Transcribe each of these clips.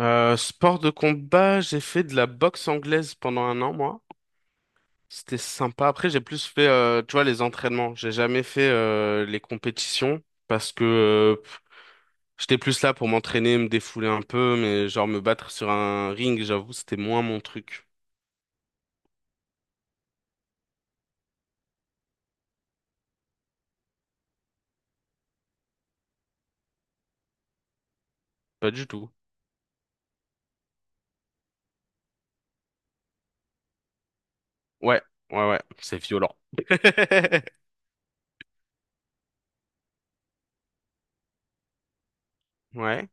Sport de combat, j'ai fait de la boxe anglaise pendant un an, moi. C'était sympa. Après, j'ai plus fait, tu vois, les entraînements. J'ai jamais fait les compétitions parce que j'étais plus là pour m'entraîner, me défouler un peu, mais genre me battre sur un ring, j'avoue, c'était moins mon truc. Pas du tout. Ouais, ouais, ouais, c'est violent. Ouais,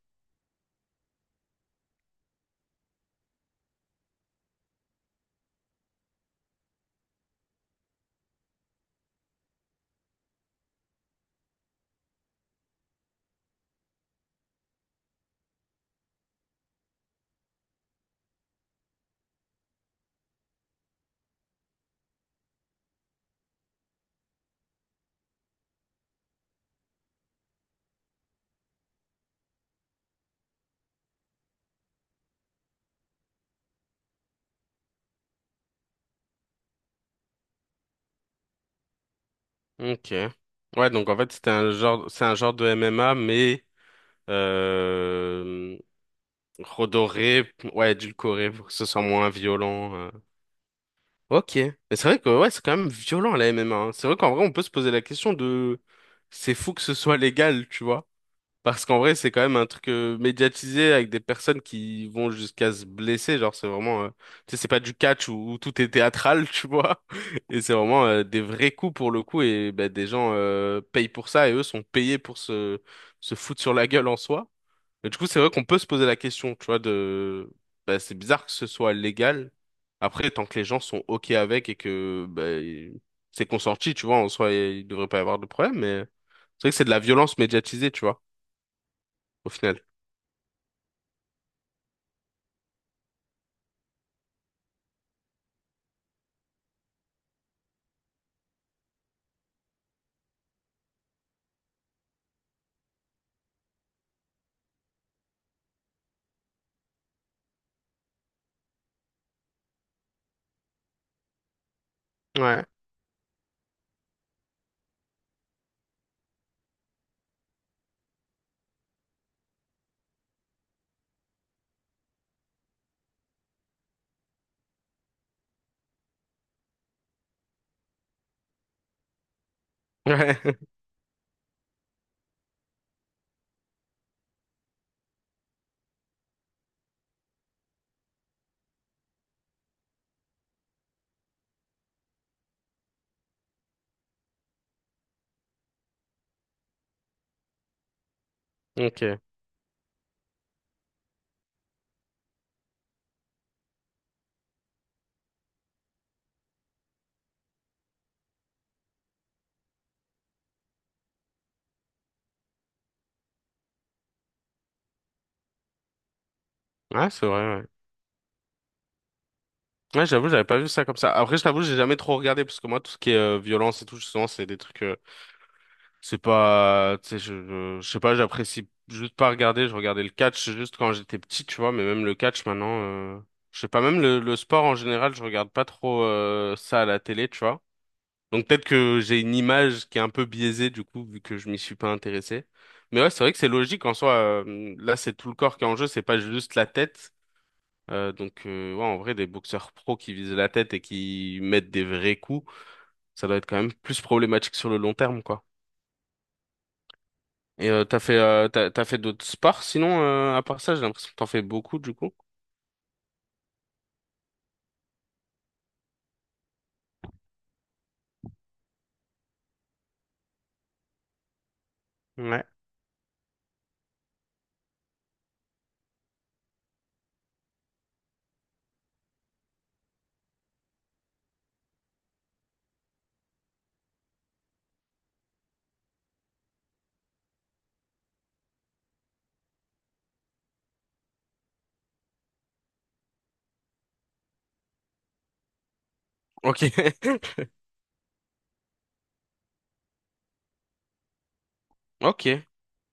ok. Ouais, donc en fait, c'était un genre, c'est un genre de MMA, mais euh, Redorer, ouais, édulcorer pour que ce soit moins violent. Ok. Mais c'est vrai que ouais, c'est quand même violent la MMA, hein. C'est vrai qu'en vrai, on peut se poser la question de c'est fou que ce soit légal, tu vois. Parce qu'en vrai, c'est quand même un truc médiatisé avec des personnes qui vont jusqu'à se blesser. Genre, c'est vraiment, tu sais, c'est pas du catch où tout est théâtral, tu vois. Et c'est vraiment des vrais coups pour le coup. Et ben, des gens payent pour ça et eux sont payés pour se foutre sur la gueule en soi. Et du coup, c'est vrai qu'on peut se poser la question, tu vois, de... Bah, c'est bizarre que ce soit légal. Après, tant que les gens sont OK avec et que bah, c'est consenti, tu vois, en soi, il devrait pas y avoir de problème, mais c'est vrai que c'est de la violence médiatisée, tu vois, au final. Ouais. Ouais. Ok. Ouais, c'est vrai, ouais. Ouais, j'avoue, j'avais pas vu ça comme ça. Après, je t'avoue, j'ai jamais trop regardé, parce que moi, tout ce qui est violence et tout, justement, c'est des trucs. C'est pas, tu sais, je sais pas, j'apprécie juste pas regarder. Je regardais le catch juste quand j'étais petit, tu vois, mais même le catch maintenant, je sais pas, même le sport en général, je regarde pas trop ça à la télé, tu vois. Donc peut-être que j'ai une image qui est un peu biaisée du coup, vu que je m'y suis pas intéressé. Mais ouais, c'est vrai que c'est logique en soi. Là, c'est tout le corps qui est en jeu, c'est pas juste la tête. Donc ouais, en vrai, des boxeurs pros qui visent la tête et qui mettent des vrais coups, ça doit être quand même plus problématique sur le long terme, quoi. T'as fait d'autres sports sinon à part ça j'ai l'impression que t'en fais beaucoup du coup. Ouais. Ok. Ok.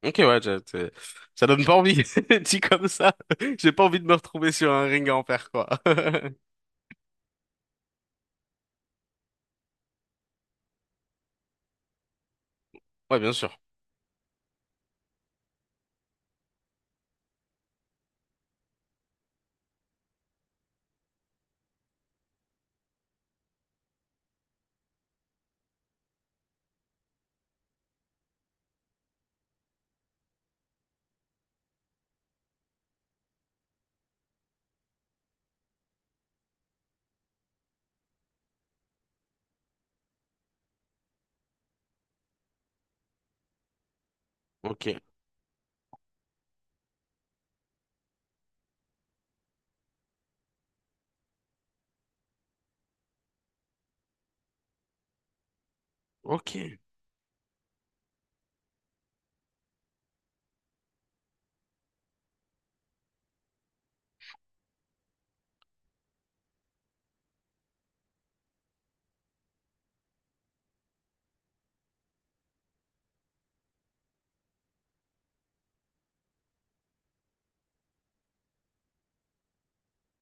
Ok, ouais, ça donne pas envie dit comme ça. J'ai pas envie de me retrouver sur un ring à en faire quoi. Ouais, bien sûr. Ok. Ok.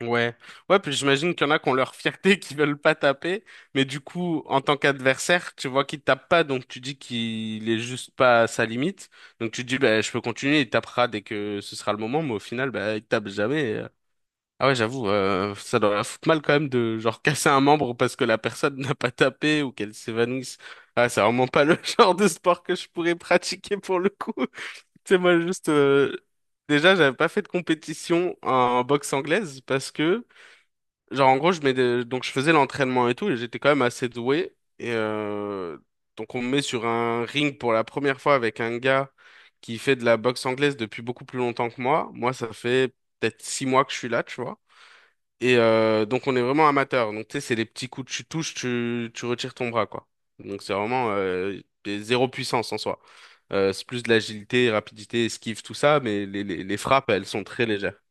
Ouais. Ouais, puis j'imagine qu'il y en a qui ont leur fierté qui veulent pas taper, mais du coup en tant qu'adversaire tu vois qu'il tape pas, donc tu dis qu'il est juste pas à sa limite, donc tu dis bah je peux continuer, il tapera dès que ce sera le moment, mais au final bah il tape jamais. Ah ouais, j'avoue, ça doit la foutre mal quand même de genre casser un membre parce que la personne n'a pas tapé ou qu'elle s'évanouisse. Ah, c'est vraiment pas le genre de sport que je pourrais pratiquer pour le coup. Tu sais, moi juste, déjà, j'avais pas fait de compétition en boxe anglaise parce que, genre, en gros, donc je faisais l'entraînement et tout, et j'étais quand même assez doué donc on me met sur un ring pour la première fois avec un gars qui fait de la boxe anglaise depuis beaucoup plus longtemps que moi. Moi, ça fait peut-être 6 mois que je suis là, tu vois. Donc on est vraiment amateur. Donc tu sais, c'est des petits coups, que tu touches, tu retires ton bras, quoi. Donc c'est vraiment zéro puissance en soi. C'est plus de l'agilité, rapidité, esquive, tout ça, mais les frappes, elles sont très légères.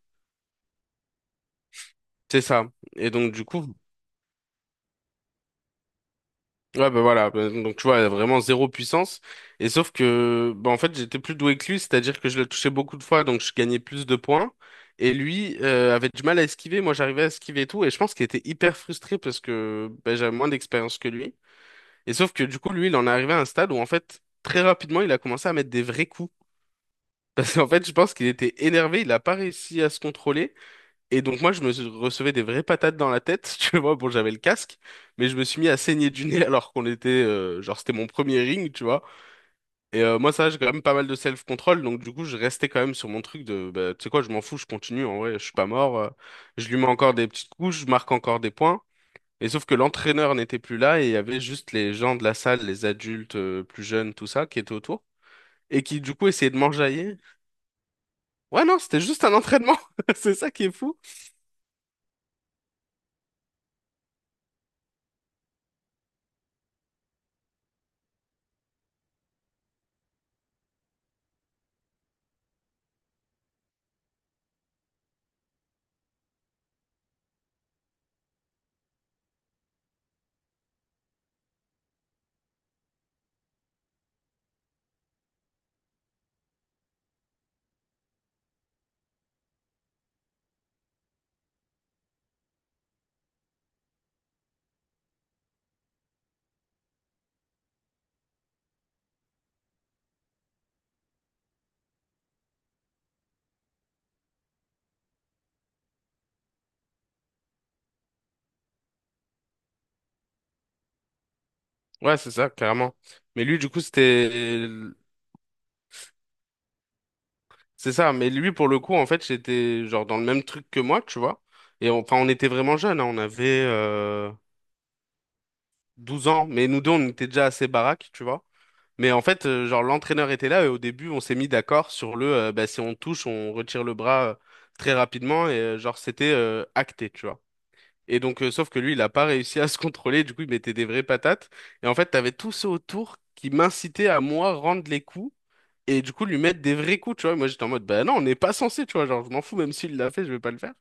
C'est ça. Et donc du coup, ouais bah voilà. Bah, donc tu vois, vraiment zéro puissance. Et sauf que, bah en fait, j'étais plus doué que lui, c'est-à-dire que je le touchais beaucoup de fois, donc je gagnais plus de points. Et lui avait du mal à esquiver, moi j'arrivais à esquiver et tout, et je pense qu'il était hyper frustré parce que bah, j'avais moins d'expérience que lui. Et sauf que du coup, lui, il en est arrivé à un stade où en fait, très rapidement, il a commencé à mettre des vrais coups. Parce qu'en fait, je pense qu'il était énervé, il n'a pas réussi à se contrôler. Et donc moi, recevais des vraies patates dans la tête. Tu vois, bon, j'avais le casque, mais je me suis mis à saigner du nez alors qu'on était, genre, c'était mon premier ring, tu vois. Moi, ça, j'ai quand même pas mal de self-control. Donc du coup, je restais quand même sur mon truc de, bah, tu sais quoi, je m'en fous, je continue. En vrai, je suis pas mort. Je lui mets encore des petites couches, je marque encore des points. Et sauf que l'entraîneur n'était plus là et il y avait juste les gens de la salle, les adultes plus jeunes, tout ça, qui étaient autour et qui du coup essayaient de m'enjailler. Ouais, non, c'était juste un entraînement. C'est ça qui est fou. Ouais, c'est ça, clairement. Mais lui, du coup, c'était. C'est ça, mais lui, pour le coup, en fait, j'étais genre dans le même truc que moi, tu vois. Enfin, on était vraiment jeunes, hein, on avait 12 ans, mais nous deux, on était déjà assez baraques, tu vois. Mais en fait, genre l'entraîneur était là et au début, on s'est mis d'accord sur le bah, si on touche, on retire le bras très rapidement et genre c'était acté, tu vois. Et donc, sauf que lui, il a pas réussi à se contrôler, du coup, il mettait des vraies patates et en fait, t'avais tous ceux autour qui m'incitaient à moi rendre les coups et du coup lui mettre des vrais coups, tu vois. Et moi, j'étais en mode bah non, on n'est pas censé, tu vois, genre je m'en fous même s'il l'a fait, je vais pas le faire.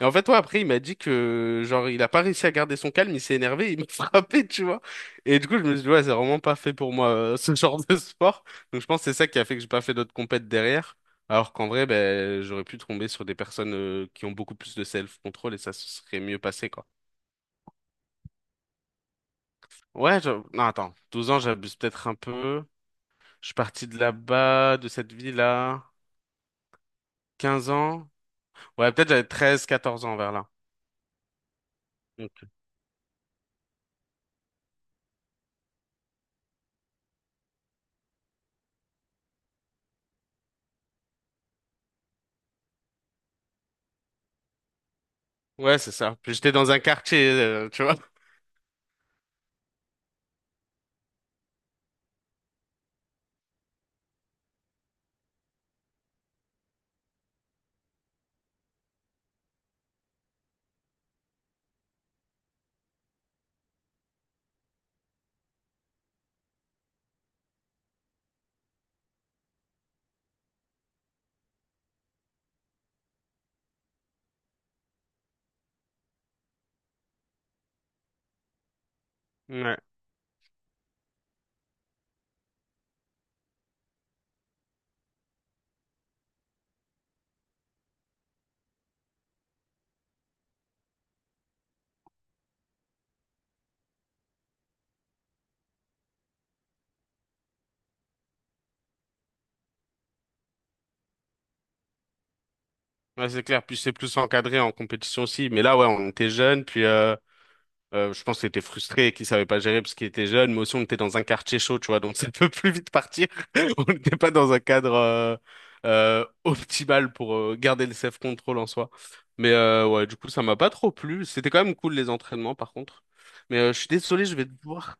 Et en fait, toi, après, il m'a dit que, genre, il a pas réussi à garder son calme, il s'est énervé, il m'a frappé, tu vois. Et du coup, je me suis dit, ouais, c'est vraiment pas fait pour moi, ce genre de sport. Donc, je pense que c'est ça qui a fait que j'ai pas fait d'autres compètes derrière. Alors qu'en vrai, ben, j'aurais pu tomber sur des personnes, qui ont beaucoup plus de self-control et ça se serait mieux passé, quoi. Ouais, non, attends. Douze ans, j'abuse peut-être un peu. Je suis parti de là-bas, de cette ville-là. Quinze ans. Ouais, peut-être j'avais 13, 14 ans vers là. Donc, ouais, c'est ça. Puis j'étais dans un quartier, tu vois. Ouais. Ouais, c'est clair, puis c'est plus encadré en compétition aussi. Mais là, ouais, on était jeunes, puis je pense qu'il était frustré, et qu'il savait pas gérer parce qu'il était jeune, mais aussi on était dans un quartier chaud, tu vois, donc ça peut plus vite partir. On n'était pas dans un cadre optimal pour garder le self-control en soi. Mais ouais, du coup, ça m'a pas trop plu. C'était quand même cool les entraînements, par contre. Mais je suis désolé, je vais devoir.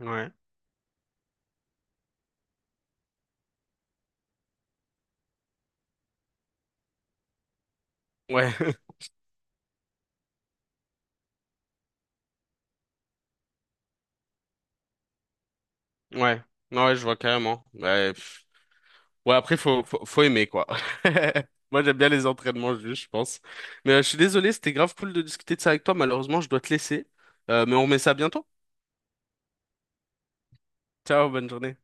Ouais. Ouais, ouais. Ouais, je vois carrément. Ouais, pff. Ouais, après, faut aimer, quoi. Moi, j'aime bien les entraînements juste, je pense. Mais je suis désolé, c'était grave cool de discuter de ça avec toi. Malheureusement, je dois te laisser. Mais on remet ça bientôt. Ciao, bonne journée.